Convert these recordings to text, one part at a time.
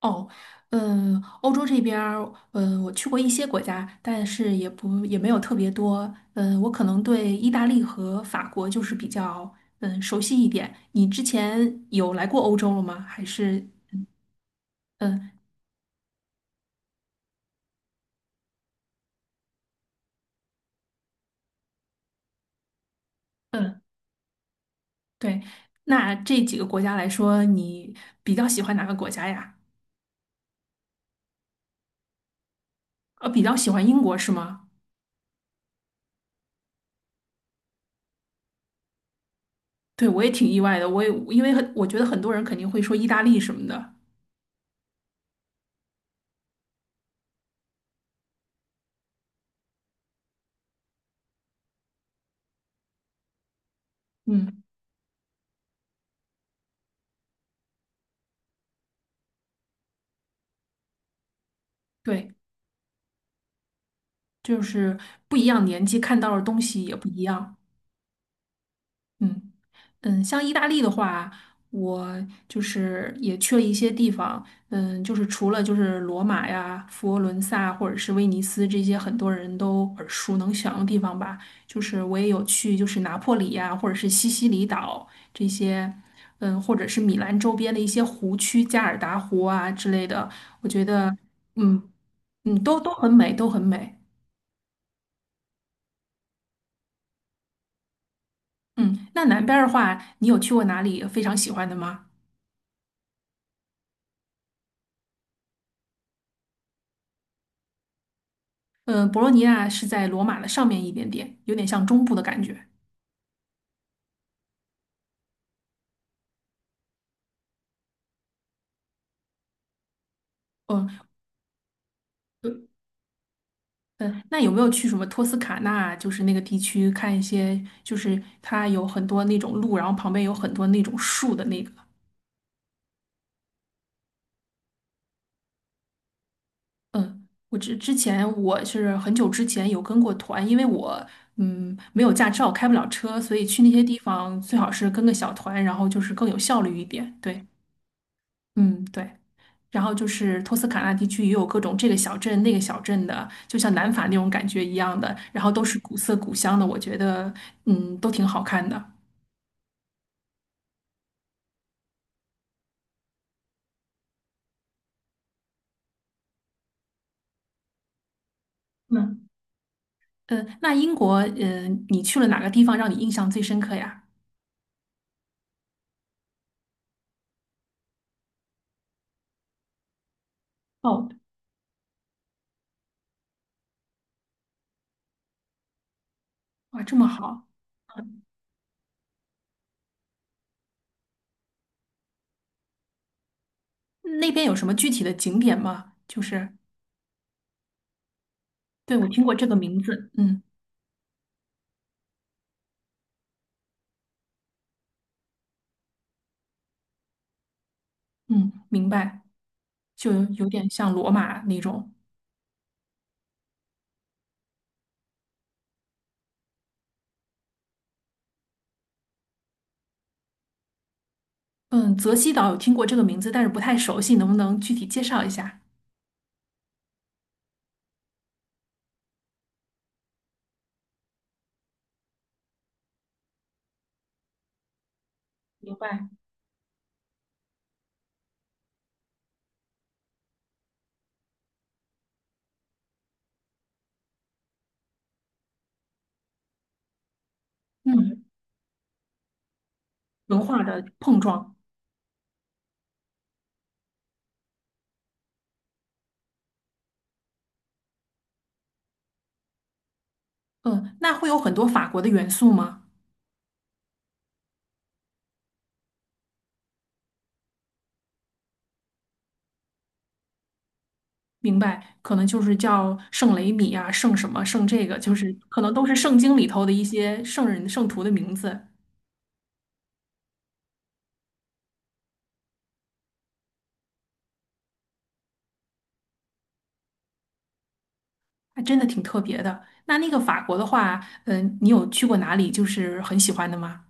哦，欧洲这边儿，我去过一些国家，但是也没有特别多。嗯，我可能对意大利和法国就是比较熟悉一点。你之前有来过欧洲了吗？还是，嗯嗯，对。那这几个国家来说，你比较喜欢哪个国家呀？比较喜欢英国是吗？对，我也挺意外的。我也因为很，我觉得很多人肯定会说意大利什么的。嗯，对，就是不一样年纪看到的东西也不一样。嗯像意大利的话，我就是也去了一些地方，就是除了就是罗马呀、佛罗伦萨或者是威尼斯这些很多人都耳熟能详的地方吧，就是我也有去，就是拿破里呀，或者是西西里岛这些，或者是米兰周边的一些湖区，加尔达湖啊之类的，我觉得，嗯嗯，都很美，都很美。嗯，那南边儿的话，你有去过哪里非常喜欢的吗？嗯，博洛尼亚是在罗马的上面一点点，有点像中部的感觉。嗯，嗯，嗯，那有没有去什么托斯卡纳，就是那个地区看一些，就是它有很多那种路，然后旁边有很多那种树的那个？嗯，我是很久之前有跟过团，因为我没有驾照，开不了车，所以去那些地方最好是跟个小团，然后就是更有效率一点。对，嗯，对。然后就是托斯卡纳地区也有各种这个小镇那个小镇的，就像南法那种感觉一样的，然后都是古色古香的，我觉得都挺好看的。嗯那英国你去了哪个地方让你印象最深刻呀？哦，哇，这么好，那边有什么具体的景点吗？就是对我听过这个名字，嗯嗯，明白，就有点像罗马那种。嗯，泽西岛有听过这个名字，但是不太熟悉，能不能具体介绍一下？明白，嗯。文化的碰撞。嗯，那会有很多法国的元素吗？明白，可能就是叫圣雷米啊，圣什么，圣这个，就是可能都是圣经里头的一些圣人、圣徒的名字，还真的挺特别的。那个法国的话，你有去过哪里就是很喜欢的吗？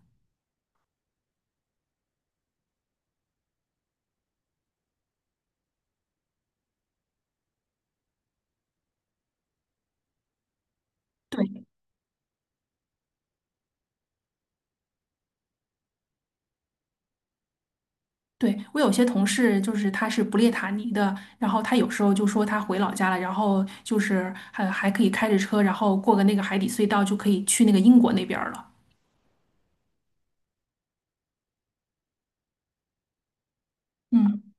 对，对，我有些同事就是他是不列塔尼的，然后他有时候就说他回老家了，然后就是还可以开着车，然后过个那个海底隧道就可以去那个英国那边儿了。嗯。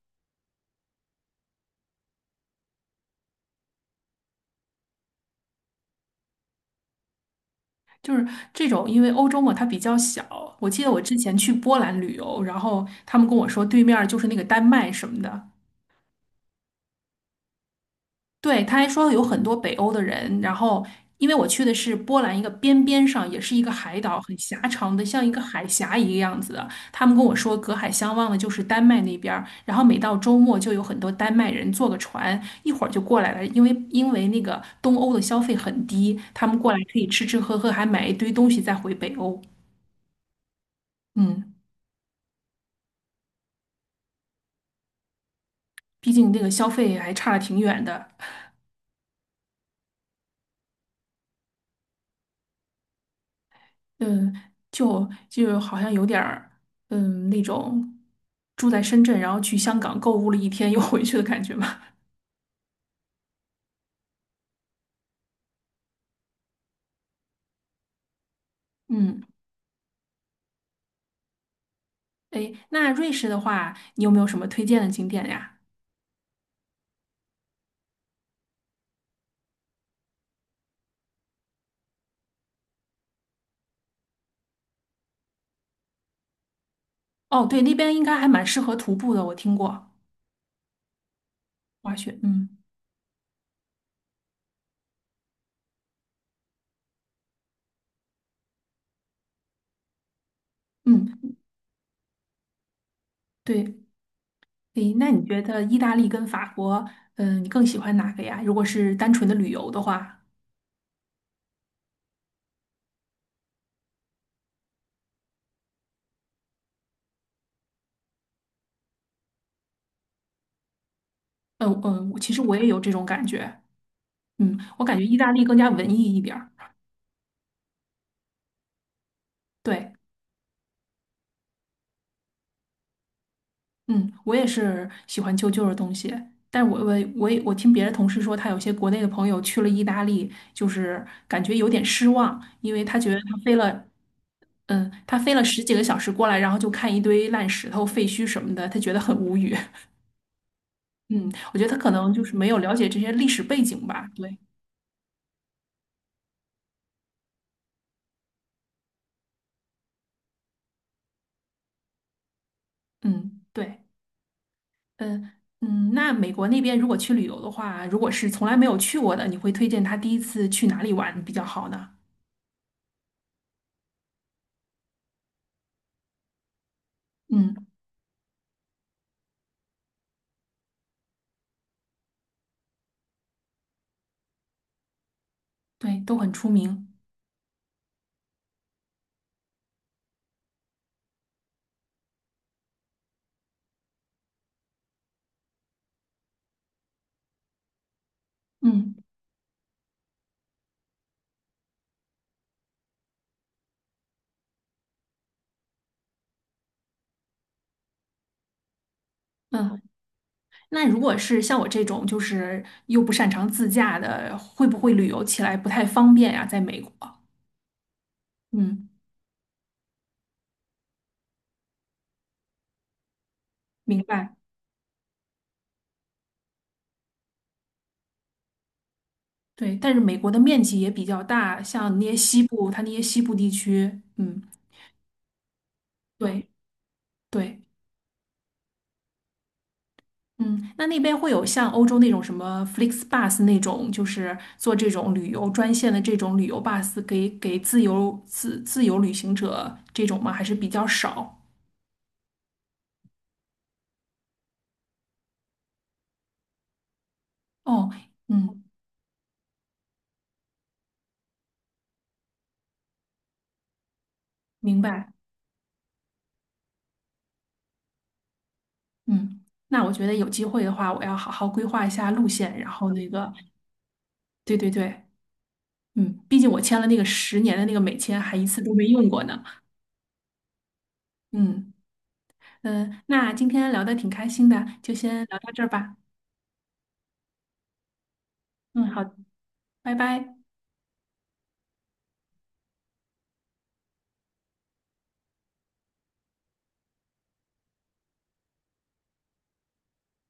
就是这种，因为欧洲嘛，它比较小。我记得我之前去波兰旅游，然后他们跟我说对面儿就是那个丹麦什么的。对，他还说有很多北欧的人。然后因为我去的是波兰一个边边上，也是一个海岛，很狭长的，像一个海峡一个样子的。他们跟我说隔海相望的就是丹麦那边儿，然后每到周末就有很多丹麦人坐个船，一会儿就过来了，因为那个东欧的消费很低，他们过来可以吃吃喝喝，还买一堆东西再回北欧。嗯。毕竟那个消费还差的挺远的。嗯，就好像有点儿，那种住在深圳，然后去香港购物了一天又回去的感觉嘛。嗯，诶，那瑞士的话，你有没有什么推荐的景点呀？哦，对，那边应该还蛮适合徒步的，我听过滑雪。嗯嗯，对。诶，那你觉得意大利跟法国，你更喜欢哪个呀？如果是单纯的旅游的话，嗯，其实我也有这种感觉。我感觉意大利更加文艺一点儿。对，嗯，我也是喜欢旧旧的东西，但是我听别的同事说，他有些国内的朋友去了意大利，就是感觉有点失望，因为他觉得他飞了，他飞了十几个小时过来，然后就看一堆烂石头、废墟什么的，他觉得很无语。嗯，我觉得他可能就是没有了解这些历史背景吧。对，嗯，对。嗯那美国那边如果去旅游的话，如果是从来没有去过的，你会推荐他第一次去哪里玩比较好呢？嗯，对，都很出名。嗯。嗯，那如果是像我这种就是又不擅长自驾的，会不会旅游起来不太方便呀？在美国，嗯，明白。对，但是美国的面积也比较大，像那些西部，它那些西部地区，嗯，对对。嗯，那边会有像欧洲那种什么 FlixBus 那种，就是做这种旅游专线的这种旅游 bus 给自由旅行者这种吗？还是比较少？哦，嗯，明白。嗯，那我觉得有机会的话，我要好好规划一下路线，然后那个，对对对，毕竟我签了那个10年的那个美签，还一次都没用过呢。嗯那今天聊的挺开心的，就先聊到这儿吧。嗯，好，拜拜。